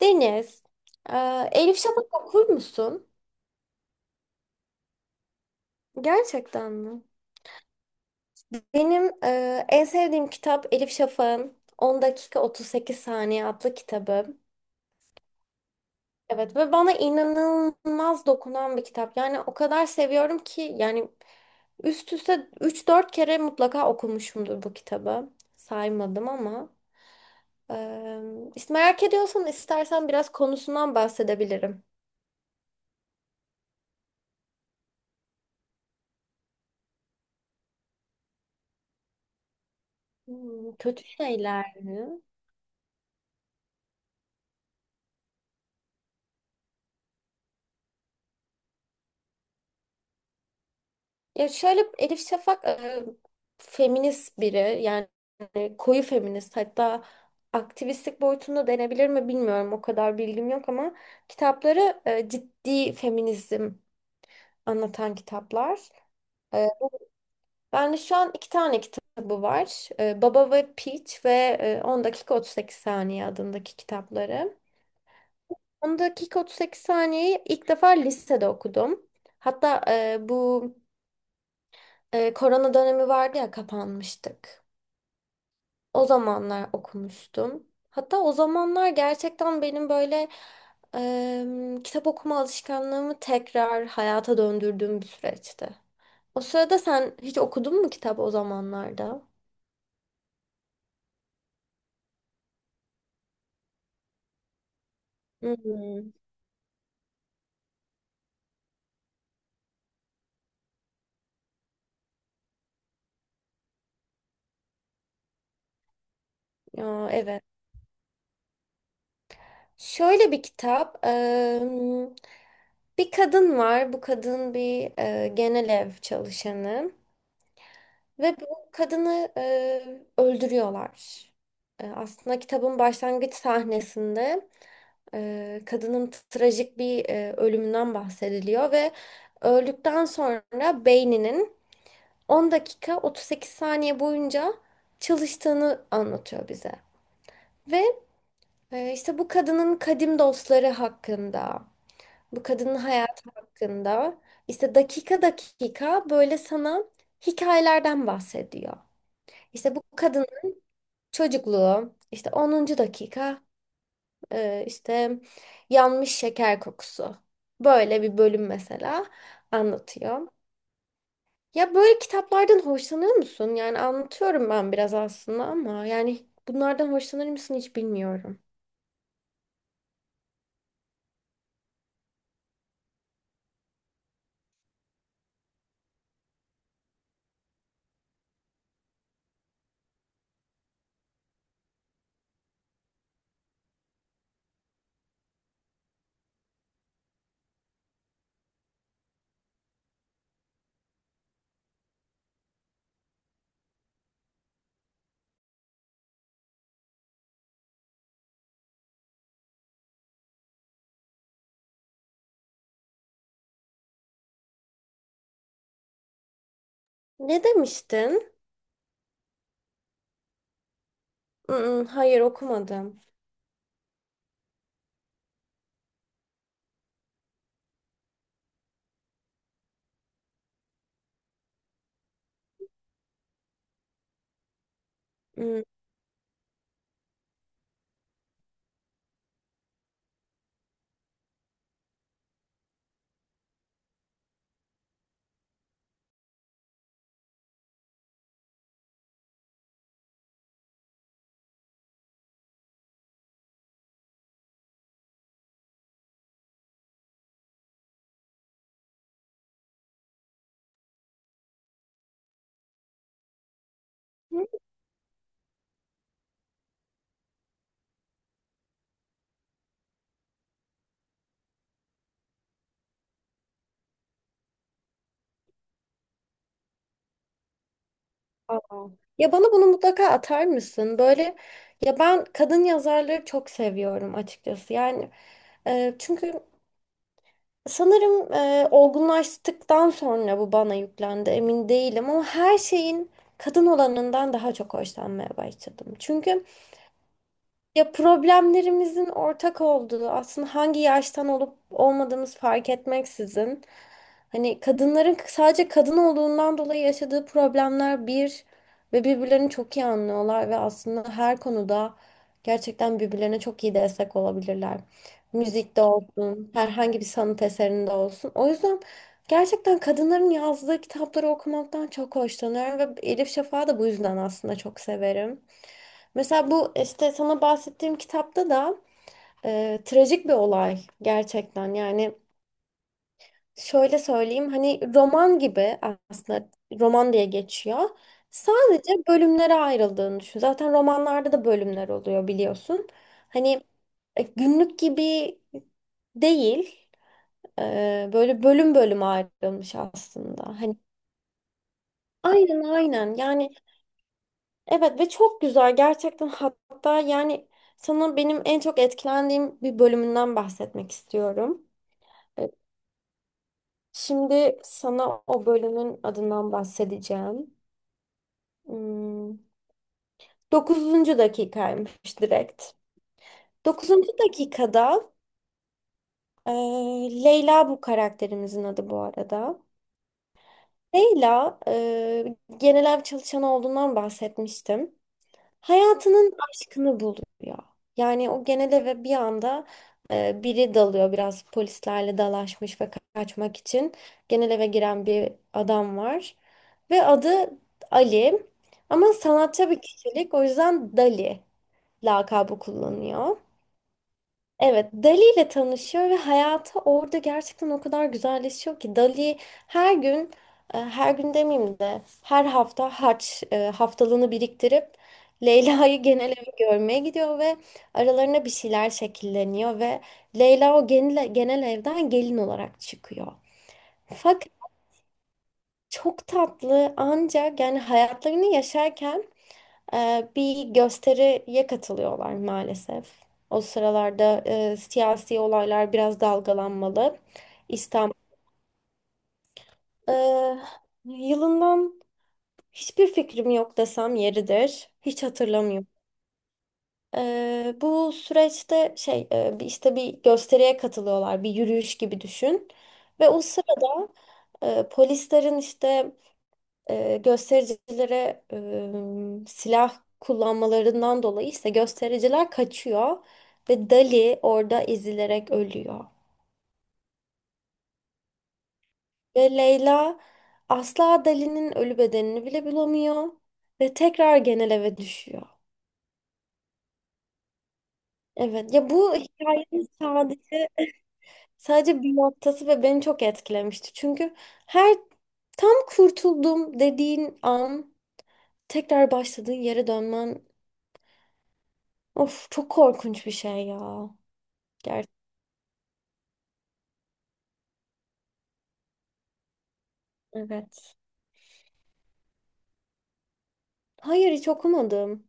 Deniz, e, Elif Şafak okur musun? Gerçekten mi? Benim en sevdiğim kitap Elif Şafak'ın On dakika Otuz Sekiz saniye adlı kitabı. Evet ve bana inanılmaz dokunan bir kitap. Yani o kadar seviyorum ki yani üst üste üç dört kere mutlaka okumuşumdur bu kitabı. Saymadım ama. e, işte merak ediyorsan istersen biraz konusundan bahsedebilirim. Hmm, kötü şeyler mi? Ya şöyle Elif Şafak feminist biri, yani koyu feminist, hatta aktivistlik boyutunda denebilir mi bilmiyorum, o kadar bilgim yok, ama kitapları ciddi feminizm anlatan kitaplar. E, Ben de şu an iki tane kitabı var. E, Baba ve Peach ve 10 dakika 38 saniye adındaki kitapları. 10 dakika 38 saniyeyi ilk defa lisede okudum. Hatta bu korona dönemi vardı ya, kapanmıştık. O zamanlar okumuştum. Hatta o zamanlar gerçekten benim böyle kitap okuma alışkanlığımı tekrar hayata döndürdüğüm bir süreçti. O sırada sen hiç okudun mu kitap o zamanlarda? Hmm, ya, evet. Şöyle bir kitap. Bir kadın var. Bu kadın bir genel ev çalışanı ve bu kadını öldürüyorlar. E, aslında kitabın başlangıç sahnesinde. Kadının trajik bir ölümünden bahsediliyor ve öldükten sonra beyninin 10 dakika 38 saniye boyunca çalıştığını anlatıyor bize. Ve işte bu kadının kadim dostları hakkında, bu kadının hayatı hakkında işte dakika dakika böyle sana hikayelerden bahsediyor. İşte bu kadının çocukluğu, işte onuncu dakika, işte yanmış şeker kokusu. Böyle bir bölüm mesela anlatıyor. Ya böyle kitaplardan hoşlanıyor musun? Yani anlatıyorum ben biraz aslında, ama yani bunlardan hoşlanır mısın hiç bilmiyorum. Ne demiştin? Mm, hayır okumadım. Mm. Aa. Ya bana bunu mutlaka atar mısın? Böyle ya ben kadın yazarları çok seviyorum açıkçası. Yani, çünkü sanırım olgunlaştıktan sonra bu bana yüklendi, emin değilim, ama her şeyin kadın olanından daha çok hoşlanmaya başladım. Çünkü ya problemlerimizin ortak olduğu, aslında hangi yaştan olup olmadığımız fark etmeksizin, hani kadınların sadece kadın olduğundan dolayı yaşadığı problemler bir ve birbirlerini çok iyi anlıyorlar ve aslında her konuda gerçekten birbirlerine çok iyi destek olabilirler. Müzikte olsun, herhangi bir sanat eserinde olsun. O yüzden gerçekten kadınların yazdığı kitapları okumaktan çok hoşlanıyorum ve Elif Şafak'ı da bu yüzden aslında çok severim. Mesela bu işte sana bahsettiğim kitapta da trajik bir olay gerçekten. Yani şöyle söyleyeyim, hani roman gibi aslında, roman diye geçiyor. Sadece bölümlere ayrıldığını düşün. Zaten romanlarda da bölümler oluyor biliyorsun. Hani günlük gibi değil. Böyle bölüm bölüm ayrılmış aslında. Hani aynen aynen. Yani evet ve çok güzel gerçekten, hatta yani sana benim en çok etkilendiğim bir bölümünden bahsetmek istiyorum. E, Şimdi sana o bölümün adından bahsedeceğim. Hmm, 9. dakikaymış direkt. Dokuzuncu dakikada e, Leyla bu karakterimizin adı bu arada. Leyla genel ev çalışanı olduğundan bahsetmiştim. Hayatının aşkını buluyor. Yani o genel eve bir anda biri dalıyor, biraz polislerle dalaşmış ve kaçmak için genel eve giren bir adam var. Ve adı Ali, ama sanatçı bir kişilik, o yüzden Dali lakabı kullanıyor. Evet, Dali ile tanışıyor ve hayatı orada gerçekten o kadar güzelleşiyor ki Dali her gün, her gün demeyeyim de her hafta haftalığını biriktirip Leyla'yı genel evi görmeye gidiyor ve aralarına bir şeyler şekilleniyor ve Leyla o genel evden gelin olarak çıkıyor. Fakat çok tatlı, ancak yani hayatlarını yaşarken bir gösteriye katılıyorlar maalesef. O sıralarda siyasi olaylar biraz dalgalanmalı. İstanbul. E, Yılından hiçbir fikrim yok desem yeridir. Hiç hatırlamıyorum. Bu süreçte işte bir gösteriye katılıyorlar. Bir yürüyüş gibi düşün. Ve o sırada polislerin işte göstericilere silah kullanmalarından dolayı ise göstericiler kaçıyor ve Dali orada ezilerek ölüyor. Ve Leyla asla Dali'nin ölü bedenini bile bulamıyor ve tekrar genel eve düşüyor. Evet ya, bu hikayenin sadece bir noktası ve beni çok etkilemişti. Çünkü her tam kurtuldum dediğin an tekrar başladığın yere dönmen, of, çok korkunç bir şey ya. Gerçekten. Evet. Hayır hiç okumadım.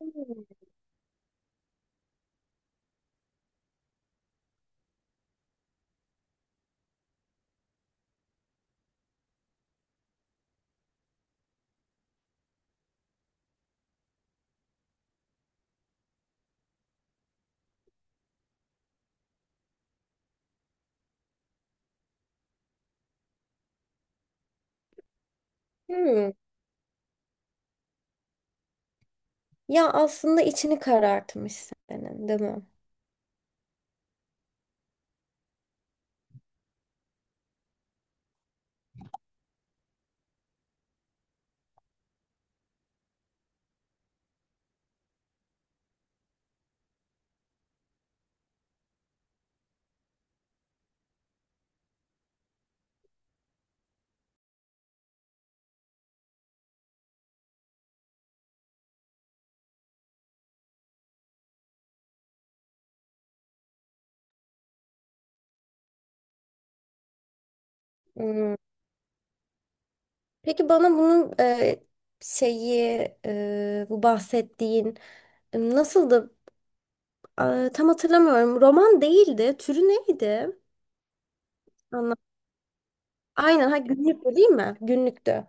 Hmm. Hmm. Ya aslında içini karartmış senin, değil mi? Hmm. Peki bana bunun şeyi bu bahsettiğin nasıldı? E, tam hatırlamıyorum. Roman değildi. Türü neydi? Anla. Aynen. Ha, günlüktü değil mi? Günlüktü.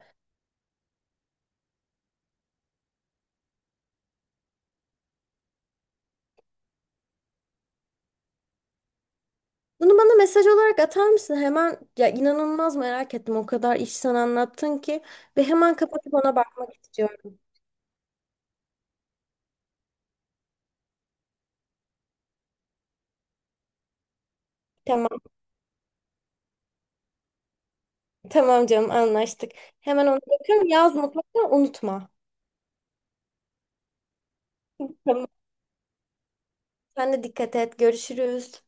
Bunu bana mesaj olarak atar mısın? Hemen ya, inanılmaz merak ettim. O kadar iç sen anlattın ki ve hemen kapatıp ona bakmak istiyorum. Tamam. Tamam canım, anlaştık. Hemen onu bakıyorum. Yaz, mutlaka unutma. Tamam. Sen de dikkat et. Görüşürüz.